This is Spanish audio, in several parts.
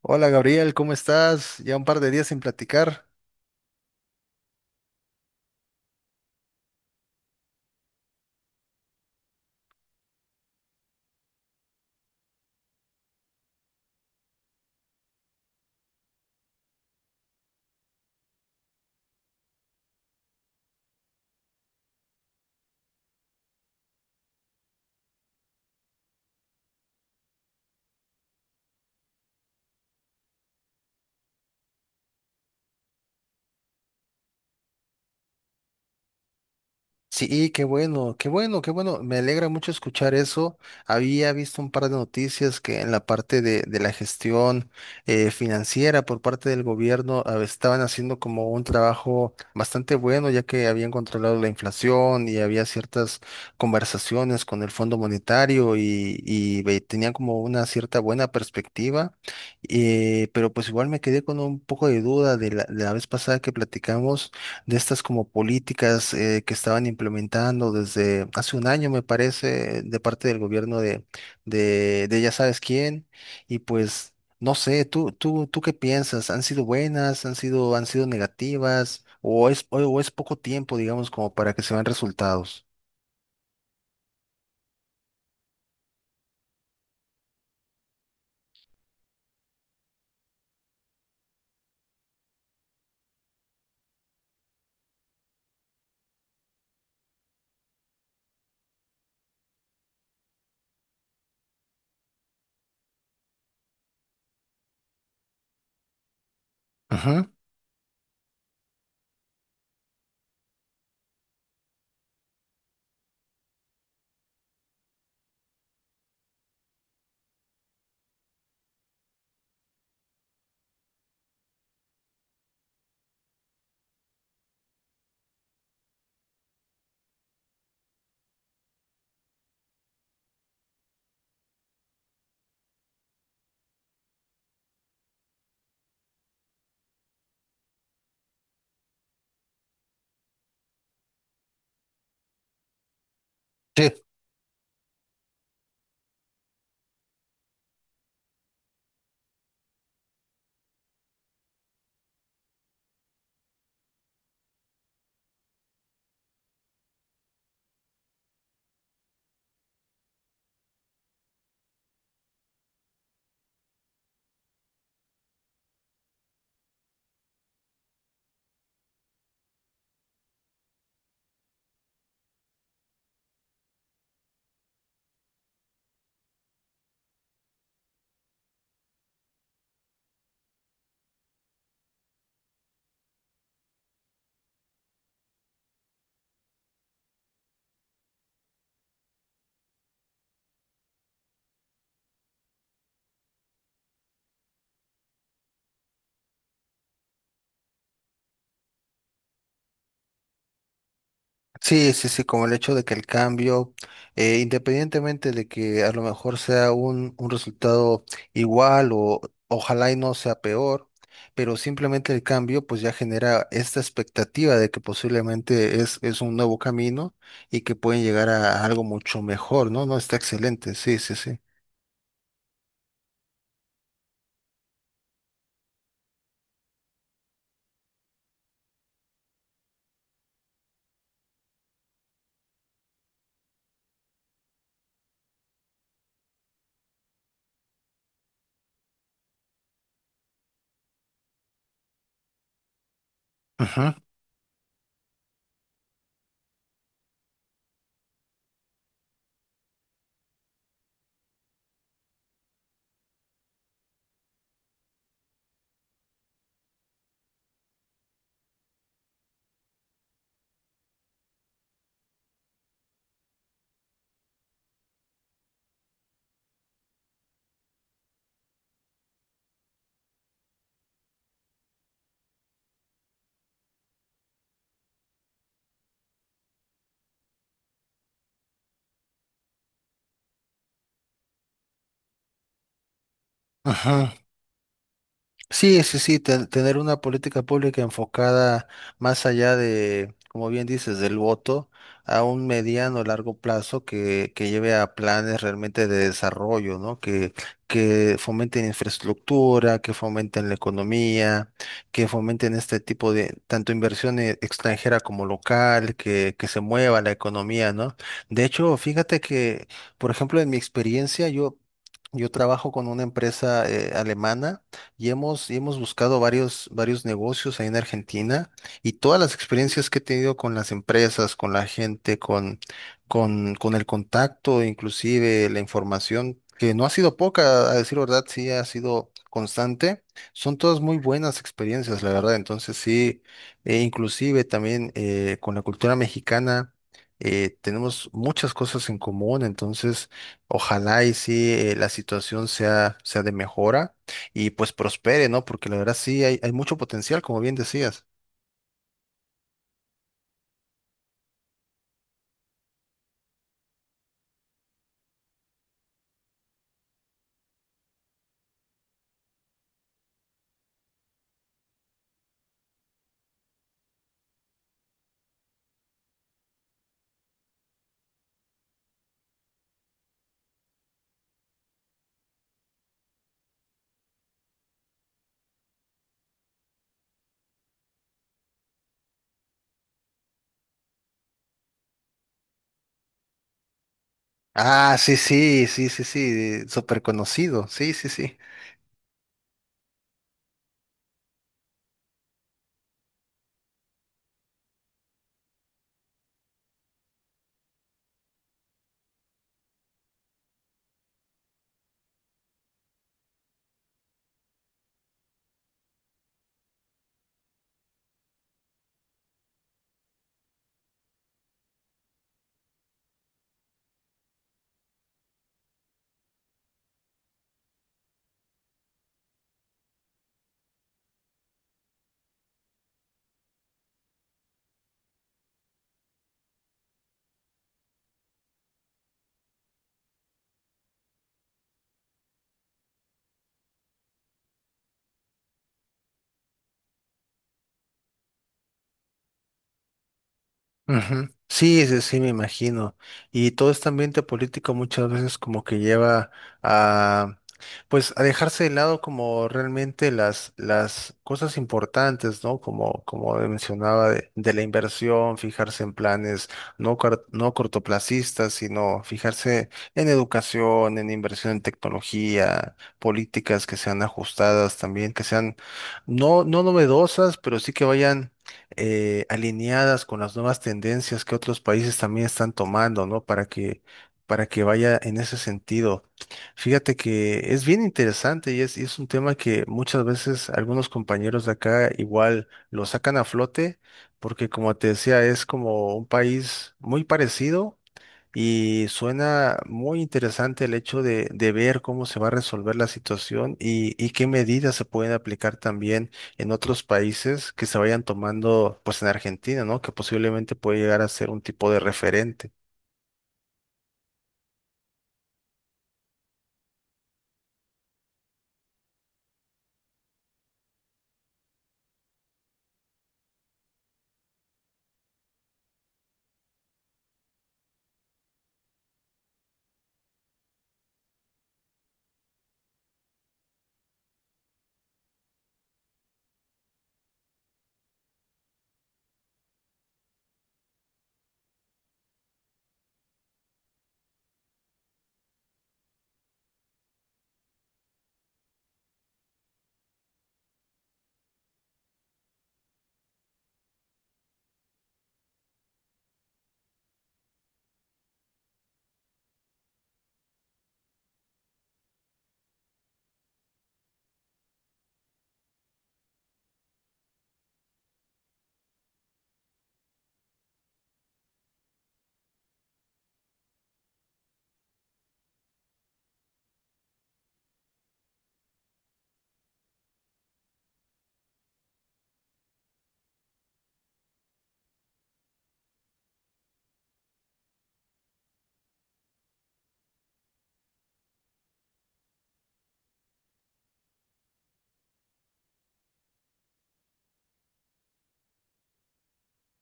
Hola Gabriel, ¿cómo estás? Ya un par de días sin platicar. Sí, qué bueno, qué bueno, qué bueno. Me alegra mucho escuchar eso. Había visto un par de noticias que en la parte de la gestión financiera por parte del gobierno estaban haciendo como un trabajo bastante bueno, ya que habían controlado la inflación y había ciertas conversaciones con el Fondo Monetario y tenían como una cierta buena perspectiva. Pero pues igual me quedé con un poco de duda de la vez pasada que platicamos de estas como políticas que estaban implementando desde hace un año, me parece, de parte del gobierno de ya sabes quién, y pues no sé, ¿tú qué piensas? ¿Han sido buenas? ¿Han sido negativas? ¿O es, o es poco tiempo, digamos, como para que se vean resultados? Ujú. Sí. Sí, sí, sí, como el hecho de que el cambio, independientemente de que a lo mejor sea un resultado igual o ojalá y no sea peor, pero simplemente el cambio pues ya genera esta expectativa de que posiblemente es un nuevo camino y que pueden llegar a algo mucho mejor, ¿no? No, está excelente, sí, sí, sí. Ajá, ajá. Sí, sí, sí, tener una política pública enfocada más allá de, como bien dices, del voto, a un mediano o largo plazo que lleve a planes realmente de desarrollo, ¿no? Que fomenten infraestructura, que fomenten la economía, que fomenten este tipo de, tanto inversión extranjera como local, que se mueva la economía, ¿no? De hecho, fíjate que, por ejemplo, en mi experiencia, yo trabajo con una empresa alemana y hemos buscado varios negocios ahí en Argentina y todas las experiencias que he tenido con las empresas, con la gente, con el contacto, inclusive la información, que no ha sido poca, a decir verdad, sí ha sido constante, son todas muy buenas experiencias, la verdad. Entonces sí, e inclusive también con la cultura mexicana. Tenemos muchas cosas en común, entonces ojalá y sí la situación sea, sea de mejora y pues prospere, ¿no? Porque la verdad sí hay mucho potencial, como bien decías. Ah, sí, sí, sí, sí, sí, súper conocido, sí, sí, sí. Ujú. Sí, sí, sí, me imagino. Y todo este ambiente político muchas veces como que lleva a, pues, a dejarse de lado como realmente las cosas importantes, ¿no? Como, como mencionaba, de la inversión, fijarse en planes no, no cortoplacistas, sino fijarse en educación, en inversión en tecnología, políticas que sean ajustadas también, que sean no, no novedosas, pero sí que vayan alineadas con las nuevas tendencias que otros países también están tomando, ¿no? Para que vaya en ese sentido. Fíjate que es bien interesante y y es un tema que muchas veces algunos compañeros de acá igual lo sacan a flote, porque como te decía, es como un país muy parecido. Y suena muy interesante el hecho de ver cómo se va a resolver la situación y qué medidas se pueden aplicar también en otros países que se vayan tomando, pues en Argentina, ¿no? Que posiblemente puede llegar a ser un tipo de referente.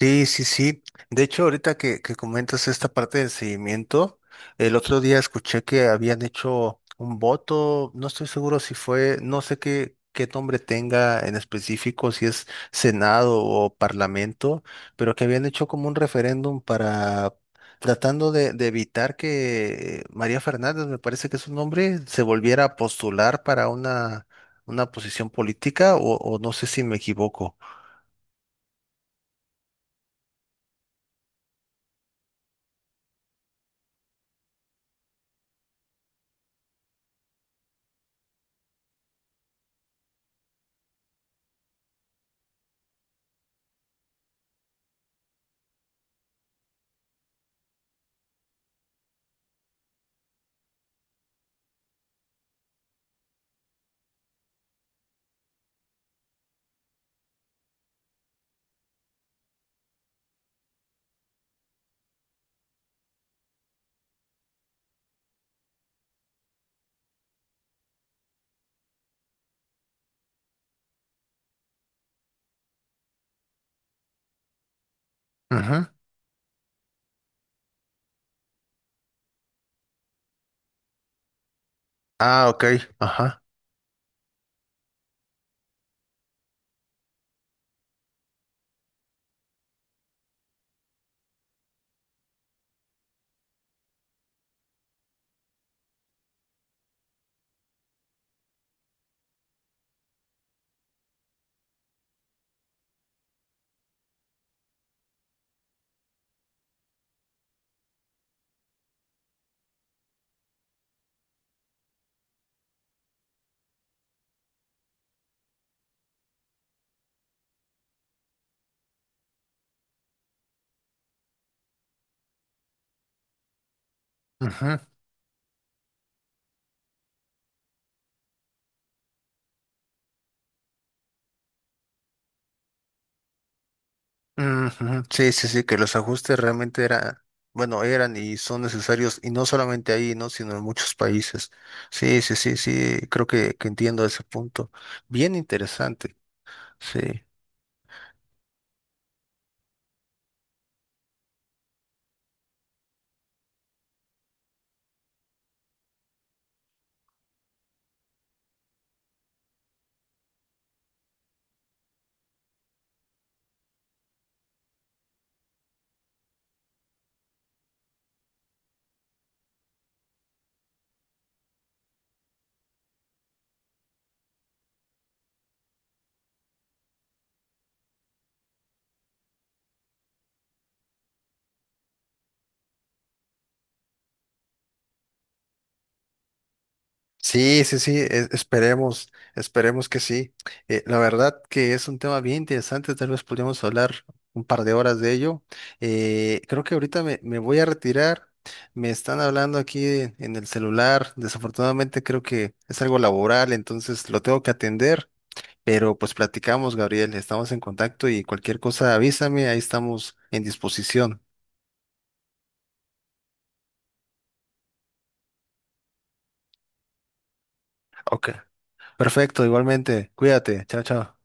Sí, sí, sí. De hecho, ahorita que comentas esta parte del seguimiento, el otro día escuché que habían hecho un voto, no estoy seguro si fue, no sé qué, qué nombre tenga en específico, si es Senado o Parlamento, pero que habían hecho como un referéndum para tratando de evitar que María Fernández, me parece que es su nombre, se volviera a postular para una posición política o no sé si me equivoco. Ujú. Ah, ok, ajá. Ujú, ujú. Sí, sí, sí, que los ajustes realmente eran, bueno, eran y son necesarios, y no solamente ahí, ¿no? Sino en muchos países. Sí, sí, sí, sí, creo que entiendo ese punto. Bien interesante, sí. Sí, sí, sí, esperemos, esperemos que sí. La verdad que es un tema bien interesante, tal vez podríamos hablar un par de horas de ello. Creo que ahorita me voy a retirar, me están hablando aquí en el celular, desafortunadamente creo que es algo laboral, entonces lo tengo que atender, pero pues platicamos, Gabriel, estamos en contacto y cualquier cosa avísame, ahí estamos en disposición. Ok. Perfecto, igualmente, cuídate, chao, chao.